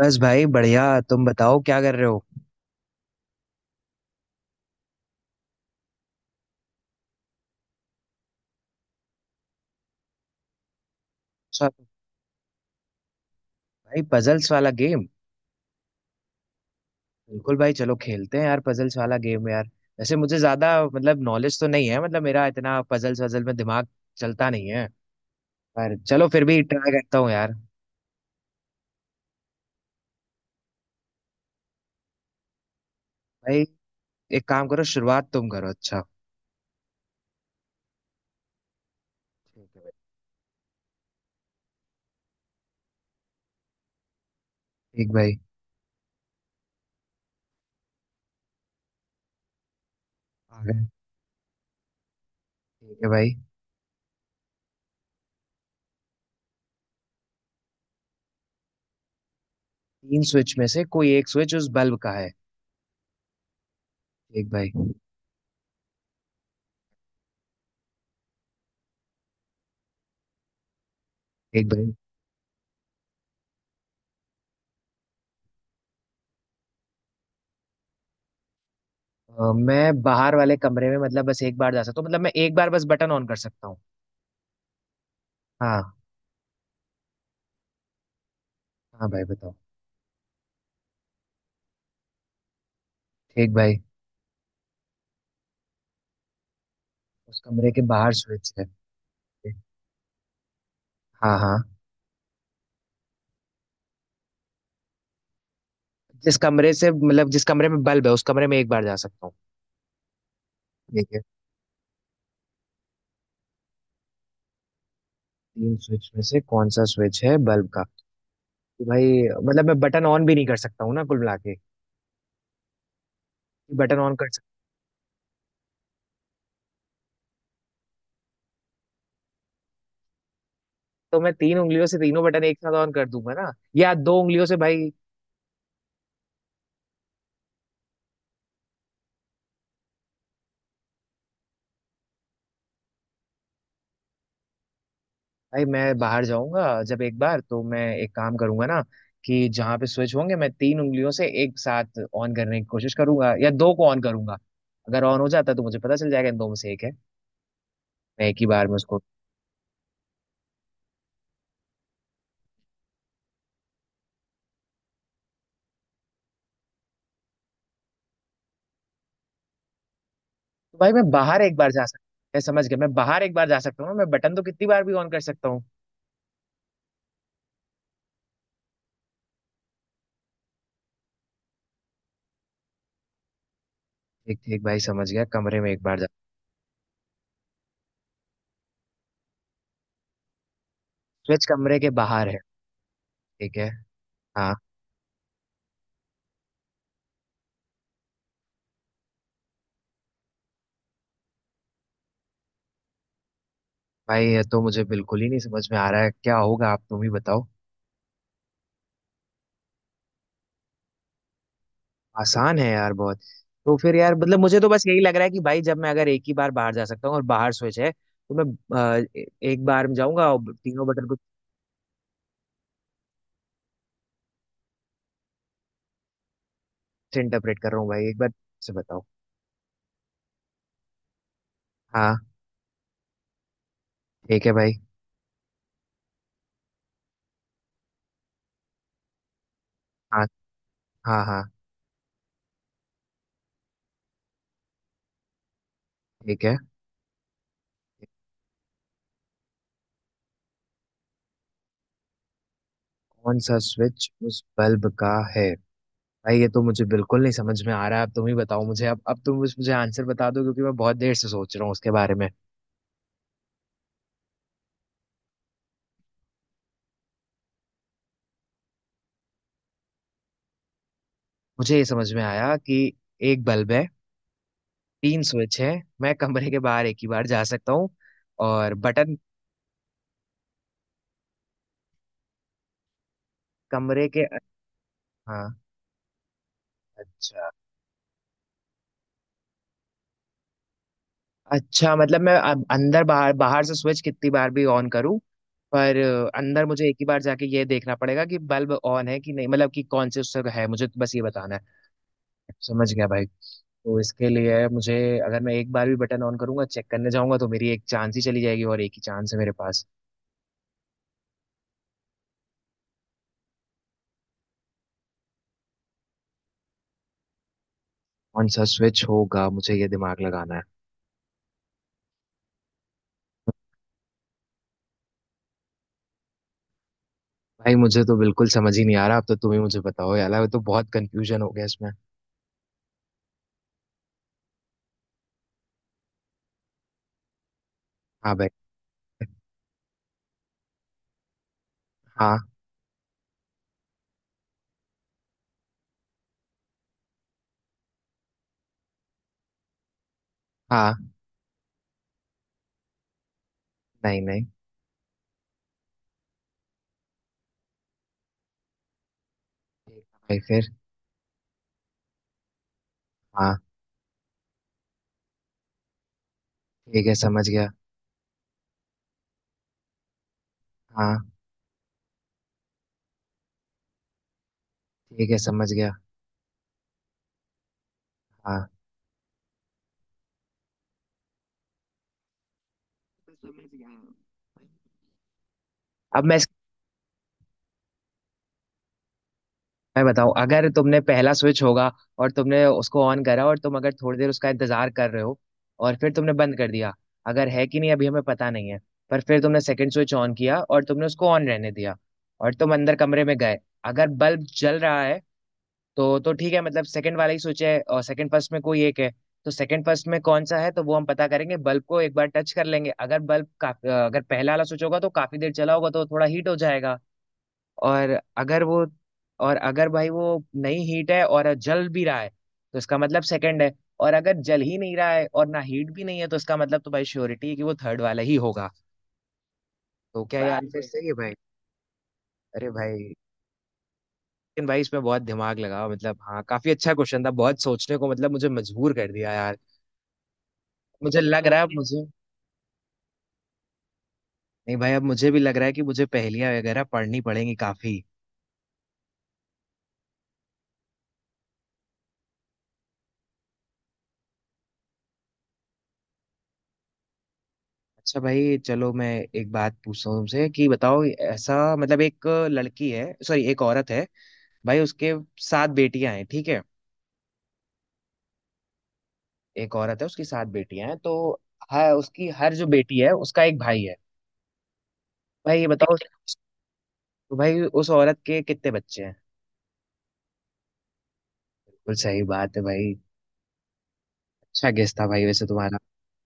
बस भाई बढ़िया। तुम बताओ क्या कर रहे हो। अच्छा। भाई पजल्स वाला गेम? बिल्कुल भाई, चलो खेलते हैं यार पजल्स वाला गेम यार। वैसे मुझे ज्यादा मतलब नॉलेज तो नहीं है, मतलब मेरा इतना पजल्स वजल में दिमाग चलता नहीं है। पर चलो फिर भी ट्राई करता हूँ यार। भाई एक काम करो, शुरुआत तुम करो। अच्छा ठीक है भाई। ठीक भाई, आ गए। ठीक है भाई। तीन स्विच में से कोई एक स्विच उस बल्ब का है। ठीक भाई। ठीक भाई। मैं बाहर वाले कमरे में मतलब बस एक बार जा सकता हूँ, मतलब मैं एक बार बस बटन ऑन कर सकता हूँ। हाँ। हाँ भाई बताओ। ठीक भाई। उस कमरे के बाहर स्विच है। हाँ हाँ। जिस कमरे से मतलब जिस कमरे में बल्ब है उस कमरे में एक बार जा सकता हूँ। देखिए, तीन स्विच में से कौन सा स्विच है बल्ब का। तो भाई मतलब मैं बटन ऑन भी नहीं कर सकता हूँ ना कुल मिला के। बटन ऑन कर सकता। तो मैं तीन उंगलियों से तीनों बटन एक साथ ऑन कर दूंगा ना। या दो उंगलियों से भाई। भाई मैं बाहर जाऊंगा जब एक बार, तो मैं एक काम करूंगा ना कि जहां पे स्विच होंगे मैं तीन उंगलियों से एक साथ ऑन करने की कोशिश करूंगा या दो को ऑन करूंगा। अगर ऑन हो जाता तो मुझे पता चल जाएगा इन दो में से एक है। मैं एक ही बार में उसको। तो भाई मैं बाहर एक बार जा सकता हूँ। मैं समझ गया, मैं बाहर एक बार जा सकता हूँ ना, मैं बटन तो कितनी बार भी ऑन कर सकता हूँ। ठीक ठीक भाई, समझ गया कमरे में एक बार जा। स्विच कमरे के बाहर है। ठीक है। हाँ भाई, ये तो मुझे बिल्कुल ही नहीं समझ में आ रहा है क्या होगा, आप तुम ही बताओ। आसान है यार बहुत। तो फिर यार मतलब मुझे तो बस यही लग रहा है कि भाई जब मैं अगर एक ही बार बाहर जा सकता हूँ और बाहर स्विच है तो मैं अ, ए- एक बार में जाऊंगा और तीनों बटन को। इंटरप्रेट कर रहा हूँ भाई, एक बार से बताओ। हाँ। ठीक है भाई। हाँ। हाँ हाँ। ठीक है। कौन सा स्विच उस बल्ब का है। भाई ये तो मुझे बिल्कुल नहीं समझ में आ रहा है, अब तुम ही बताओ मुझे। अब तुम मुझे मुझे आंसर बता दो क्योंकि मैं बहुत देर से सोच रहा हूँ उसके बारे में। मुझे ये समझ में आया कि एक बल्ब है, तीन स्विच है, मैं कमरे के बाहर एक ही बार जा सकता हूँ और बटन। कमरे के। हाँ। अच्छा। अच्छा मतलब मैं अब अंदर बाहर, बाहर से स्विच कितनी बार भी ऑन करूँ, पर अंदर मुझे एक ही बार जाके ये देखना पड़ेगा कि बल्ब ऑन है कि नहीं, मतलब कि कौन से उससे है, मुझे तो बस ये बताना है। समझ गया भाई, तो इसके लिए मुझे अगर मैं एक बार भी बटन ऑन करूंगा चेक करने जाऊंगा तो मेरी एक चांस ही चली जाएगी और एक ही चांस है मेरे पास। कौन सा स्विच होगा, मुझे ये दिमाग लगाना है। भाई मुझे तो बिल्कुल समझ ही नहीं आ रहा, अब तो तुम ही मुझे बताओ यार, अब तो बहुत कंफ्यूजन हो गया इसमें। हाँ भाई। हाँ। हाँ। नहीं नहीं। ठीक है भाई, फिर? हाँ। ठीक है, समझ गया। हाँ। ठीक है, समझ गया। हाँ। समझ गया, अब मैं। मैं बताऊं, अगर तुमने पहला स्विच होगा और तुमने उसको ऑन करा और तुम अगर थोड़ी देर उसका इंतजार कर रहे हो और फिर तुमने बंद कर दिया, अगर है कि नहीं अभी हमें पता नहीं है, पर फिर तुमने सेकंड स्विच ऑन किया और तुमने उसको ऑन रहने दिया और तुम अंदर कमरे में गए। अगर बल्ब जल रहा है तो ठीक है, मतलब सेकंड वाला ही स्विच है। और सेकंड फर्स्ट में कोई एक है, तो सेकंड फर्स्ट में कौन सा है तो वो हम पता करेंगे बल्ब को एक बार टच कर लेंगे। अगर बल्ब काफी, अगर पहला वाला स्विच होगा तो काफी देर चला होगा तो थोड़ा हीट हो जाएगा। और अगर वो, और अगर भाई वो नहीं हीट है और जल भी रहा है तो इसका मतलब सेकंड है। और अगर जल ही नहीं रहा है और ना हीट भी नहीं है तो इसका मतलब तो भाई श्योरिटी है कि वो थर्ड वाला ही होगा। तो क्या ये आंसर बराबर सही है भाई? अरे भाई! लेकिन भाई इसमें बहुत दिमाग लगा, मतलब हाँ, काफी अच्छा क्वेश्चन था, बहुत सोचने को मतलब मुझे मजबूर कर दिया यार। मुझे लग रहा है, अब ओके मुझे। नहीं भाई, अब मुझे भी लग रहा है कि मुझे पहेलियां वगैरह पढ़नी पड़ेंगी काफी। अच्छा भाई चलो, मैं एक बात पूछता हूँ तुमसे कि बताओ, ऐसा मतलब एक लड़की है, सॉरी एक औरत है भाई, उसके सात बेटियां हैं, ठीक है, एक औरत है उसकी सात बेटियां हैं तो हाँ उसकी हर जो बेटी है उसका एक भाई है। भाई ये बताओ, तो भाई उस औरत के कितने बच्चे हैं? बिल्कुल सही बात है भाई। अच्छा गेस था भाई वैसे तुम्हारा।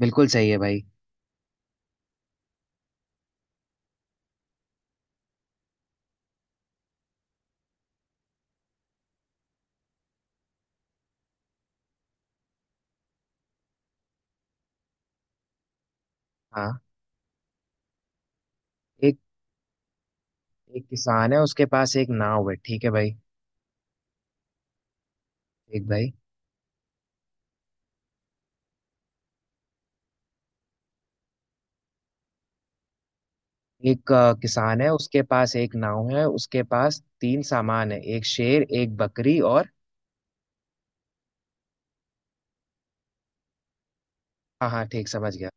बिल्कुल सही है भाई। हाँ। एक एक किसान है उसके पास एक नाव है, ठीक है भाई। एक भाई। एक किसान है, उसके पास एक नाव है, उसके पास तीन सामान है, एक शेर, एक बकरी और। हाँ हाँ ठीक, समझ गया।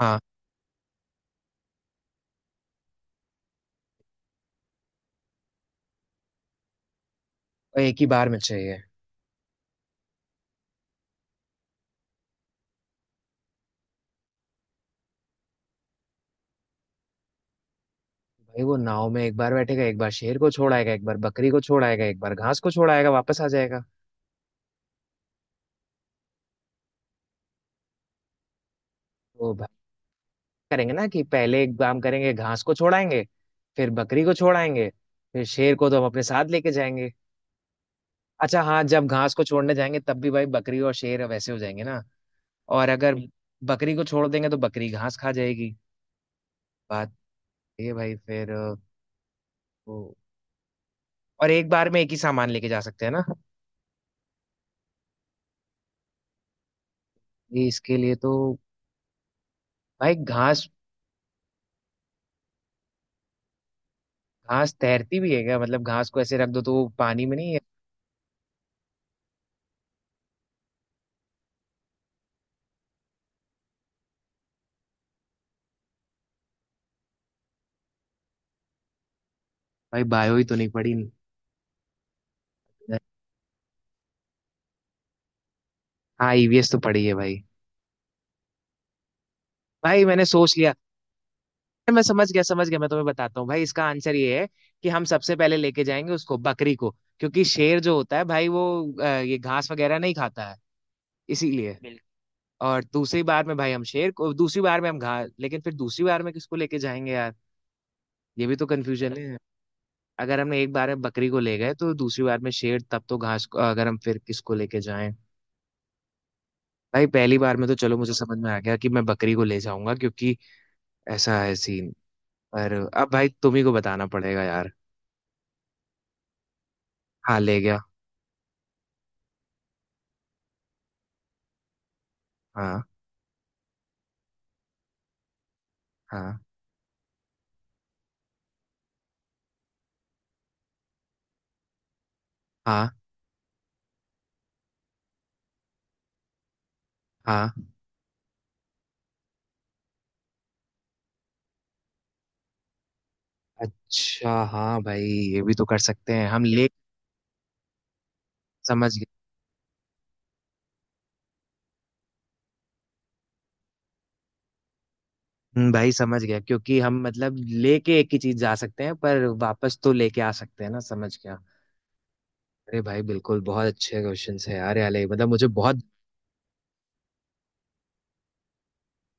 हाँ। और एक ही बार में चाहिए? भाई वो नाव में एक बार बैठेगा, एक बार शेर को छोड़ आएगा, एक बार बकरी को छोड़ आएगा, एक बार घास को छोड़ आएगा, वापस आ जाएगा। तो भाई करेंगे ना कि पहले एक काम करेंगे, घास को छोड़ाएंगे, फिर बकरी को छोड़ाएंगे, फिर शेर को तो हम अपने साथ लेके जाएंगे। अच्छा हाँ, जब घास को छोड़ने जाएंगे तब भी भाई बकरी और शेर वैसे हो जाएंगे ना। और अगर बकरी को छोड़ देंगे तो बकरी घास खा जाएगी। बात ये है भाई। फिर वो, और एक बार में एक ही सामान लेके जा सकते हैं ना। ये इसके लिए तो भाई घास। घास तैरती भी है क्या, मतलब घास को ऐसे रख दो तो वो पानी में नहीं है? भाई बायो ही तो नहीं पढ़ी। हाँ ईवीएस तो पढ़ी है भाई। भाई मैंने सोच लिया, मैं समझ गया, समझ गया, मैं तुम्हें बताता हूँ भाई इसका आंसर ये है कि हम सबसे पहले लेके जाएंगे उसको, बकरी को, क्योंकि शेर जो होता है भाई वो ये घास वगैरह नहीं खाता है, इसीलिए बिल्कुल। और दूसरी बार में भाई हम शेर को, दूसरी बार में हम घास, लेकिन फिर दूसरी बार में किसको लेके जाएंगे यार, ये भी तो कंफ्यूजन है। अगर हमने एक बार में बकरी को ले गए तो दूसरी बार में शेर, तब तो घास को, अगर हम फिर किसको लेके जाएं? भाई पहली बार में तो चलो मुझे समझ में आ गया कि मैं बकरी को ले जाऊंगा क्योंकि ऐसा है सीन, पर अब भाई तुम ही को बताना पड़ेगा यार। हाँ ले गया। हाँ। हाँ। हाँ। हाँ। अच्छा हाँ भाई, ये भी तो कर सकते हैं हम ले। समझ गए। भाई समझ गया क्योंकि हम मतलब लेके एक ही चीज जा सकते हैं पर वापस तो लेके आ सकते हैं ना, समझ गया। अरे भाई बिल्कुल, बहुत अच्छे क्वेश्चन है यार, ये मतलब मुझे बहुत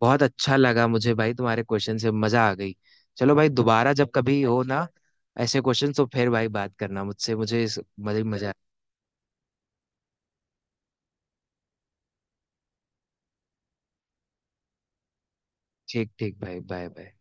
बहुत अच्छा लगा मुझे भाई तुम्हारे क्वेश्चन से, मजा आ गई। चलो भाई दोबारा जब कभी हो ना, ऐसे क्वेश्चन तो फिर भाई बात करना मुझसे, मुझे मजे मजा। ठीक ठीक भाई, बाय बाय।